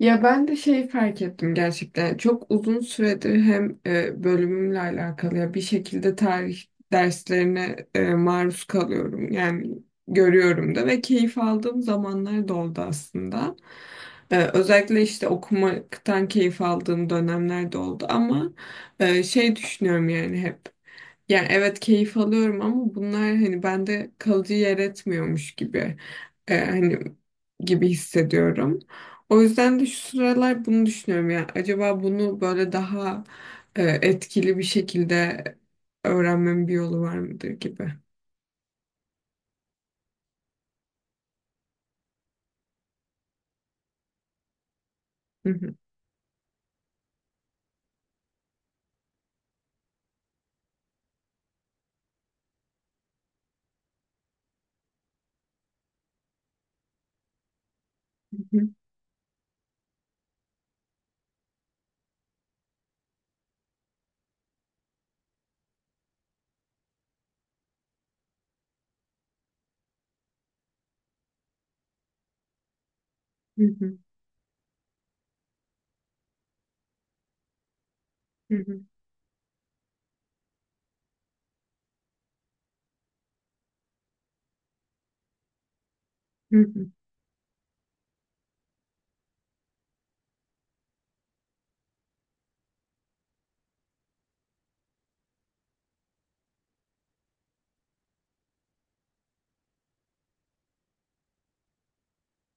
Ya ben de şeyi fark ettim gerçekten. Çok uzun süredir hem bölümümle alakalı ya bir şekilde tarih derslerine maruz kalıyorum. Yani görüyorum da ve keyif aldığım zamanlar da oldu aslında. Özellikle işte okumaktan keyif aldığım dönemler de oldu ama şey düşünüyorum yani hep. Yani evet keyif alıyorum ama bunlar hani bende kalıcı yer etmiyormuş gibi hani gibi hissediyorum. O yüzden de şu sıralar bunu düşünüyorum ya. Acaba bunu böyle daha etkili bir şekilde öğrenmemin bir yolu var mıdır gibi. Hı hı. Hı hı. Hı hı. Hı hı. Hı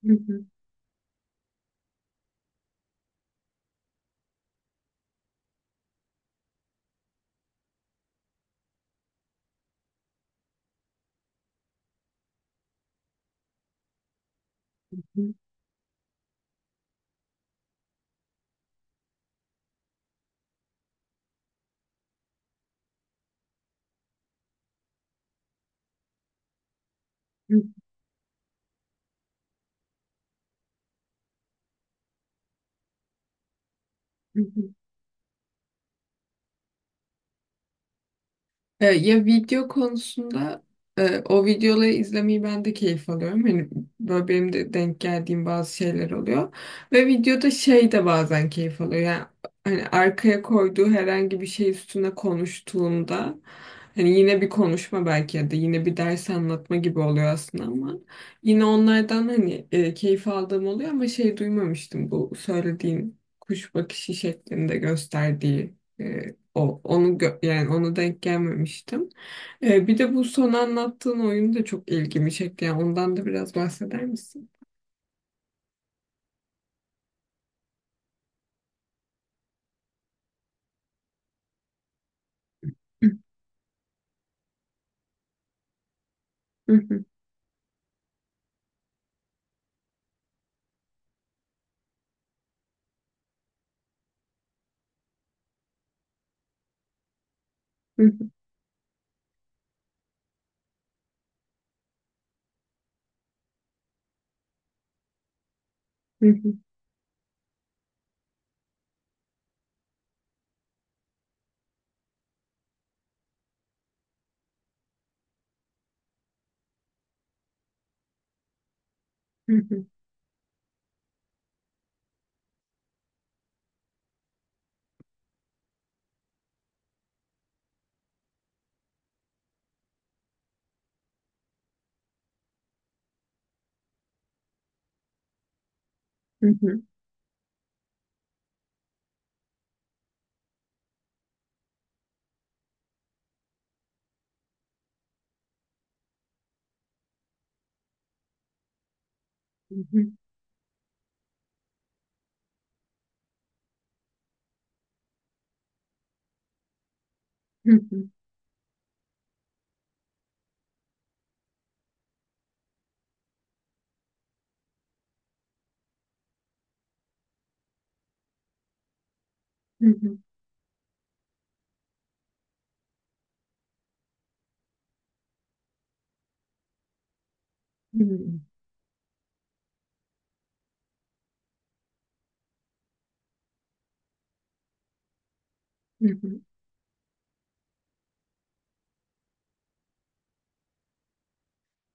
hı. Hı hı. Hı hı. Ya video konusunda o videoları izlemeyi ben de keyif alıyorum. Hani böyle benim de denk geldiğim bazı şeyler oluyor. Ve videoda şey de bazen keyif alıyor. Yani hani arkaya koyduğu herhangi bir şey üstüne konuştuğunda hani yine bir konuşma belki ya da yine bir ders anlatma gibi oluyor aslında ama yine onlardan hani keyif aldığım oluyor ama şey duymamıştım bu söylediğin kuş bakışı şeklinde gösterdiği e, yani ona denk gelmemiştim. Bir de bu son anlattığın oyun da çok ilgimi çekti. Yani ondan da biraz bahseder misin?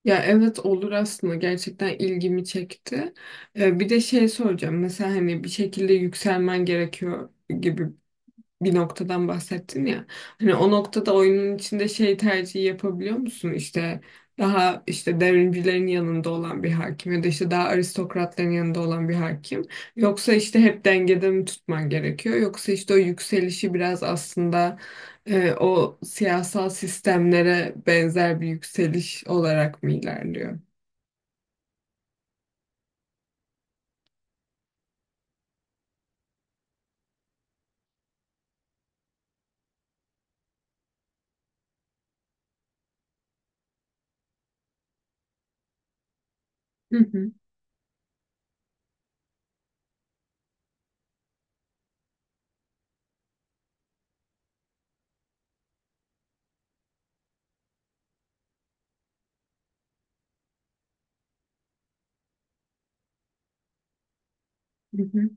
Ya evet olur aslında gerçekten ilgimi çekti. Bir de şey soracağım. Mesela hani bir şekilde yükselmen gerekiyor gibi bir noktadan bahsettin ya. Hani o noktada oyunun içinde şey tercihi yapabiliyor musun? İşte daha işte devrimcilerin yanında olan bir hakim ya da işte daha aristokratların yanında olan bir hakim. Yoksa işte hep dengede mi tutman gerekiyor? Yoksa işte o yükselişi biraz aslında o siyasal sistemlere benzer bir yükseliş olarak mı ilerliyor? Hı hı. Hı hı.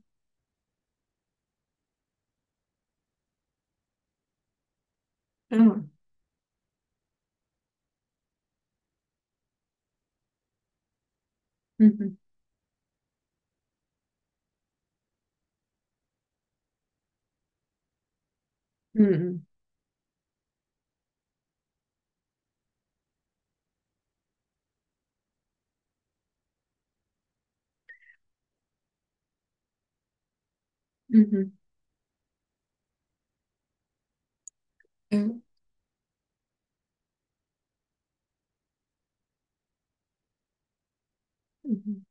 Aa, hı hı. Hı hı, hı hı, evet, hı hı.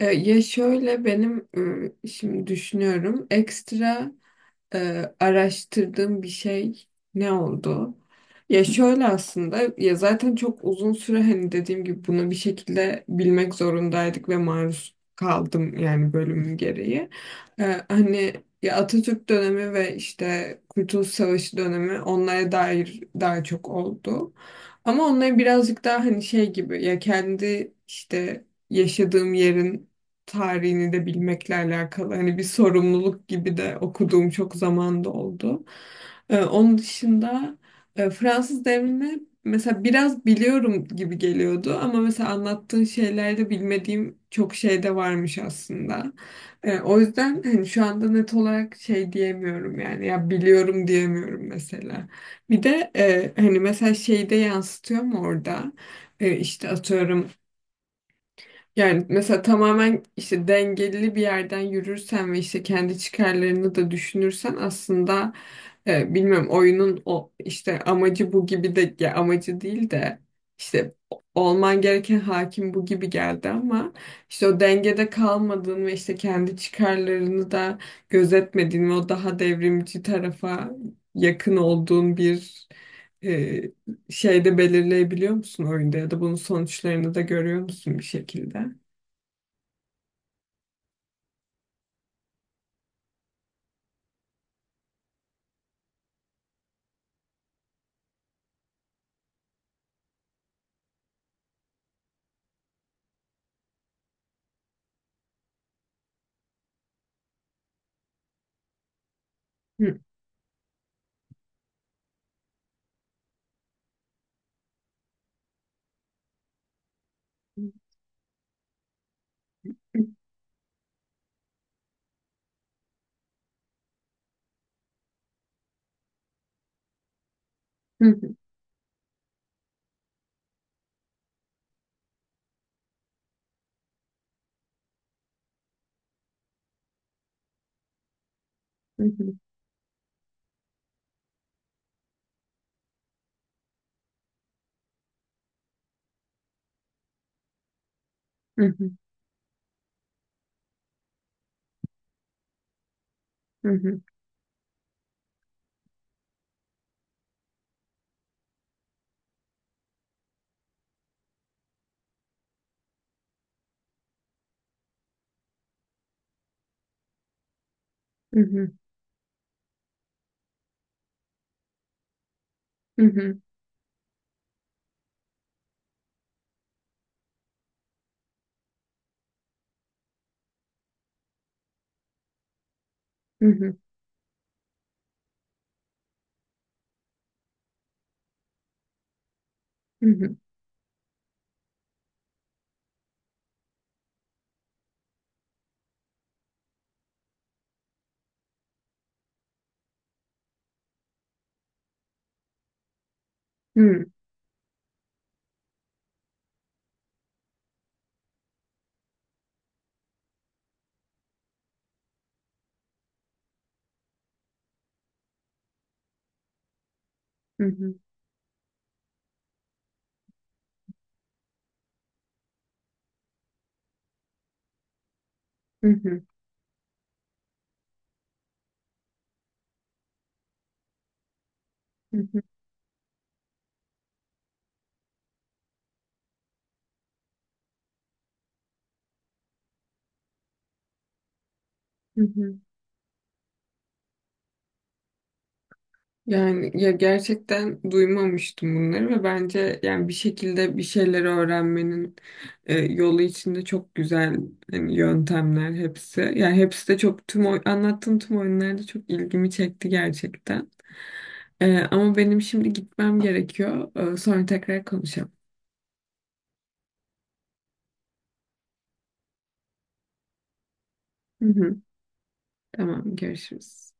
Ya şöyle benim şimdi düşünüyorum ekstra araştırdığım bir şey ne oldu? Ya şöyle aslında ya zaten çok uzun süre hani dediğim gibi bunu bir şekilde bilmek zorundaydık ve maruz kaldım yani bölümün gereği. Hani ya Atatürk dönemi ve işte Kurtuluş Savaşı dönemi onlara dair daha çok oldu. Ama onları birazcık daha hani şey gibi ya kendi işte yaşadığım yerin tarihini de bilmekle alakalı hani bir sorumluluk gibi de okuduğum çok zamanda oldu. Onun dışında Fransız devrini mesela biraz biliyorum gibi geliyordu ama mesela anlattığın şeylerde bilmediğim çok şey de varmış aslında. O yüzden hani şu anda net olarak şey diyemiyorum yani ya biliyorum diyemiyorum mesela. Bir de hani mesela şeyde yansıtıyor mu orada? İşte atıyorum yani mesela tamamen işte dengeli bir yerden yürürsen ve işte kendi çıkarlarını da düşünürsen aslında bilmiyorum oyunun o işte amacı bu gibi de ya amacı değil de işte olman gereken hakim bu gibi geldi ama işte o dengede kalmadığın ve işte kendi çıkarlarını da gözetmediğin ve o daha devrimci tarafa yakın olduğun bir e, şeyde belirleyebiliyor musun oyunda ya da bunun sonuçlarını da görüyor musun bir şekilde? Yani ya gerçekten duymamıştım bunları ve bence yani bir şekilde bir şeyleri öğrenmenin yolu içinde çok güzel hani yöntemler hepsi. Yani hepsi de çok anlattığın tüm oyunlarda çok ilgimi çekti gerçekten. Ama benim şimdi gitmem gerekiyor. Sonra tekrar konuşalım. Hı hı, tamam görüşürüz.